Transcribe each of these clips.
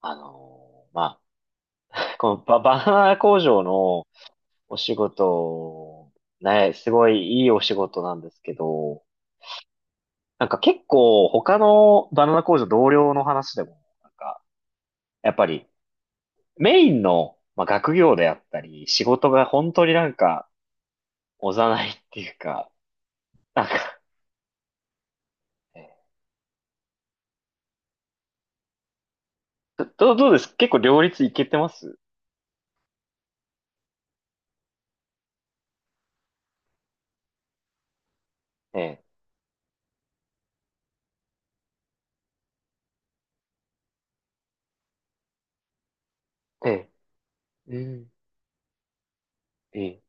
まあ、このバナナ工場のお仕事、ね、すごいいいお仕事なんですけど、なんか結構他のバナナ工場同僚の話でも、なんか、やっぱりメインの、まあ、学業であったり、仕事が本当になんか、おざなりっていうか、なんか、えどうです結構両立いけてます？ええ。ええ。うん。ええ。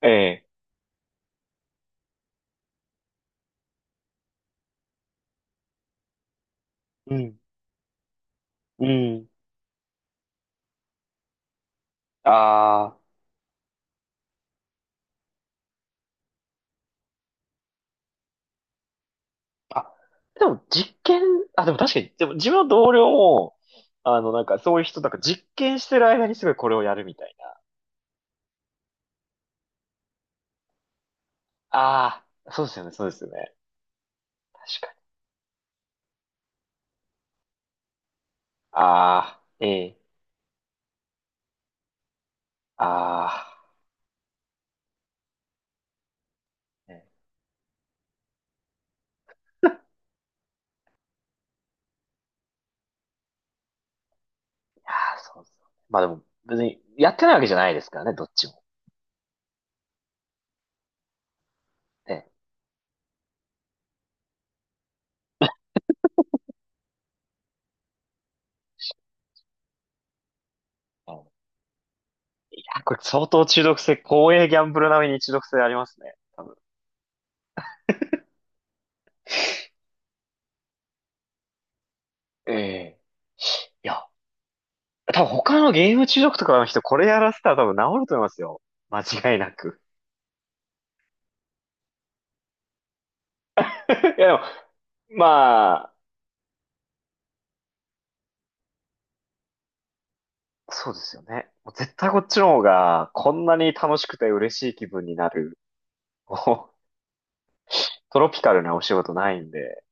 あ、ええ。うん、うん。ああ。あ、でも実験、あ、でも確かに、でも自分の同僚も、あの、なんかそういう人、なんか実験してる間にすごいこれをやるみたいな。ああ、そうですよね、そうですよね。確かに。ああ、ええ、ああ、ね、いやー、そうそう。まあでも、別にやってないわけじゃないですからね、どっちも。ね。うん。いやー、これ相当中毒性、公営ギャンブル並みに中毒性ありますね、多分。ええ。いや、多分他のゲーム中毒とかの人、これやらせたら多分治ると思いますよ。間違いなく。いや、でも、まあ、そうですよね。もう絶対こっちの方が、こんなに楽しくて嬉しい気分になる、こうトロピカルなお仕事ないんで。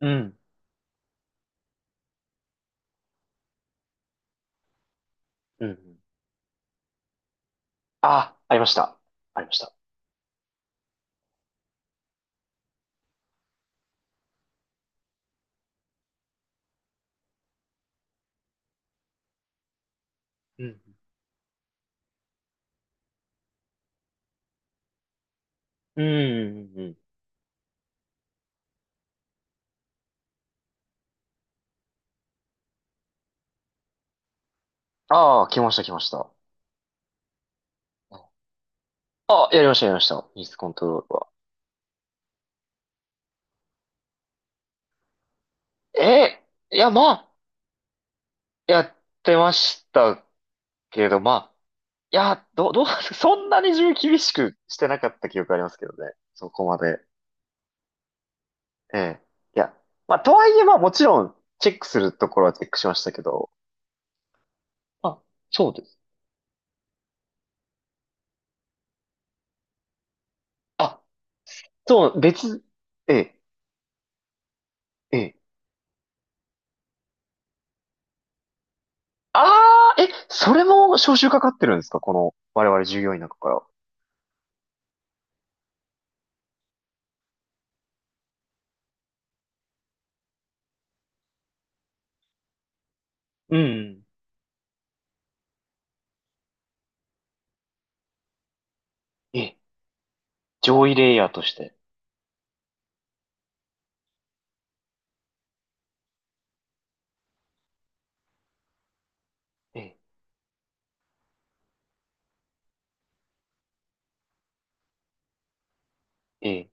うん。うん。あ、ありました。ありました。うん。うん。うん。ああ、来ました、来ました。あ、やりました、やりました。ミスコントロールは。えいや、まあ、やってましたけど、まあ、いや、どう、どう、そんなに自分厳しくしてなかった記憶ありますけどね。そこまで。ええ。いや、まあ、とはいえ、まあ、もちろん、チェックするところはチェックしましたけど、まあ、そうです。あ、そう、別、ええ、ええ。ああ、それも招集かかってるんですか？この、我々従業員の中から。うん。ええ、上位レイヤーとして。ええ、ええ、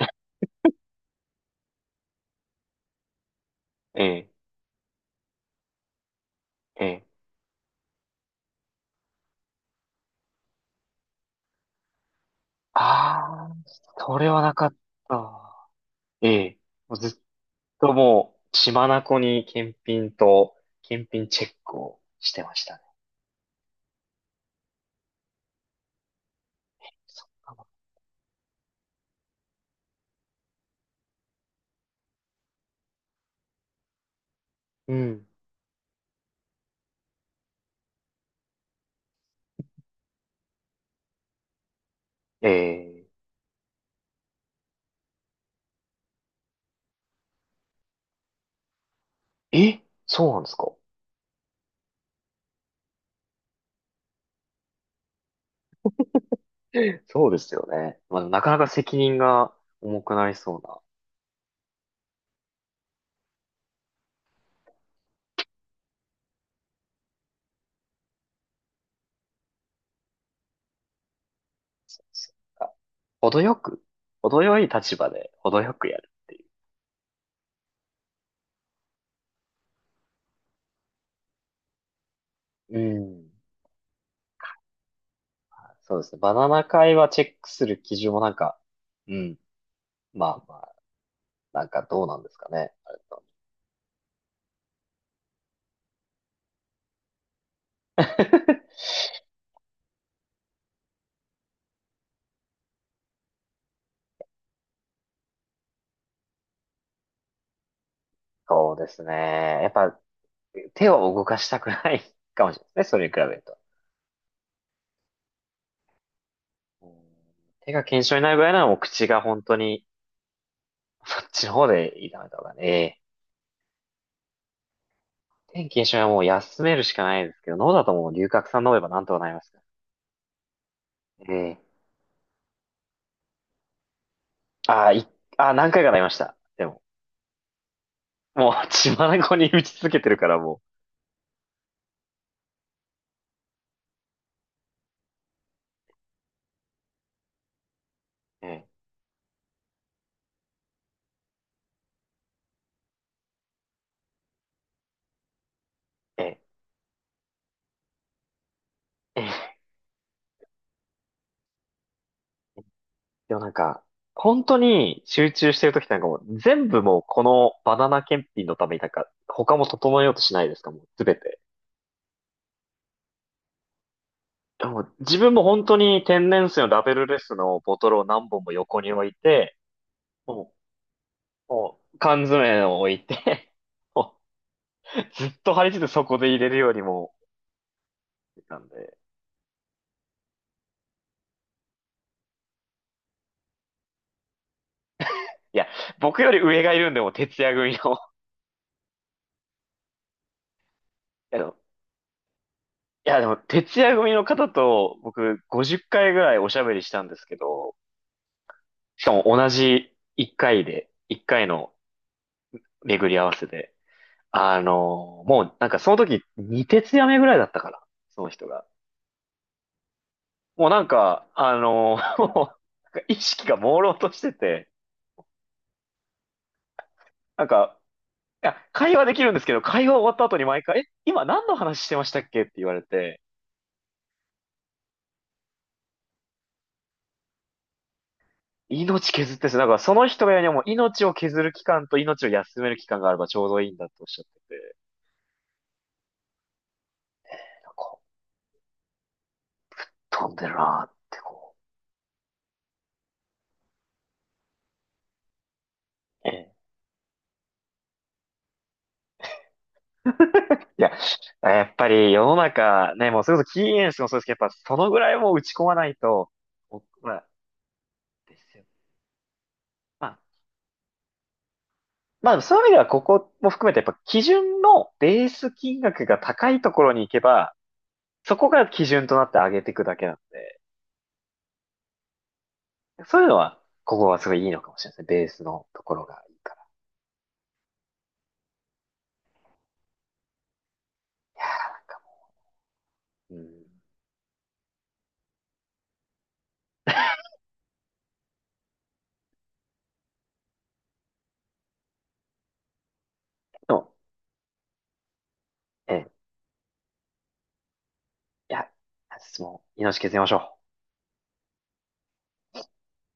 ええ、ええ。ああ、それはなかった。ええ、もうずっともう、血眼に検品と、検品チェックをしてましたね。そっか。うん。えそうなんですか？そうですよね。まあ、なかなか責任が重くなりそうな。そっか。程よく、程よい立場で程よくやるっていう。うん。そうですね。バナナ会はチェックする基準もなんか、うん。まあまあ、なんかどうなんですかね。あれと。 そうですね。やっぱ手を動かしたくないかもしれないですね。それに比べると。うん。手が腱鞘炎になるぐらいならもう口が本当に、こっちの方でいめた方がね。天気にしはもう休めるしかないですけど、脳だともう龍角散飲めばなんとかなりますから、ええ。ああ、ああ、何回かなりました。でも、もう血眼に打ち続けてるからもう。ええ、ええ、ええ。でもなんか、本当に集中してる時ってなんかもう、全部もうこのバナナ検品のためになんか、他も整えようとしないですか？もうすべて。でも自分も本当に天然水のラベルレスのボトルを何本も横に置いて、もう、もう缶詰を置いて ずっと張り付いてそこで入れるよりも、なんで。いや、僕より上がいるんで、もう徹夜組の。あの、いや、でも、徹夜組の方と、僕、50回ぐらいおしゃべりしたんですけど、しかも同じ1回で、1回の巡り合わせで。あの、もう、なんかその時、2徹夜目ぐらいだったからその人が。もうなんか、あの、もうなんか意識が朦朧としてて、なんか、いや、会話できるんですけど、会話終わった後に毎回、え、今何の話してましたっけって言われて、命削ってですなんその人が言うにはもう命を削る期間と命を休める期間があればちょうどいいんだっておっしゃってて、なんか飛んでるなーってこう。ええ。いや、やっぱり世の中ね、もうそれこそキーエンスもそうですけど、やっぱそのぐらいもう打ち込まないと、まあ、ですよ。まあ、まあそういう意味ではここも含めてやっぱ基準のベース金額が高いところに行けば、そこが基準となって上げていくだけなんで。そういうのは、ここはすごいいいのかもしれないですね。ベースのところがいいから。なんかもう。うん。でも、ええ、いや、質問、命削りましょう。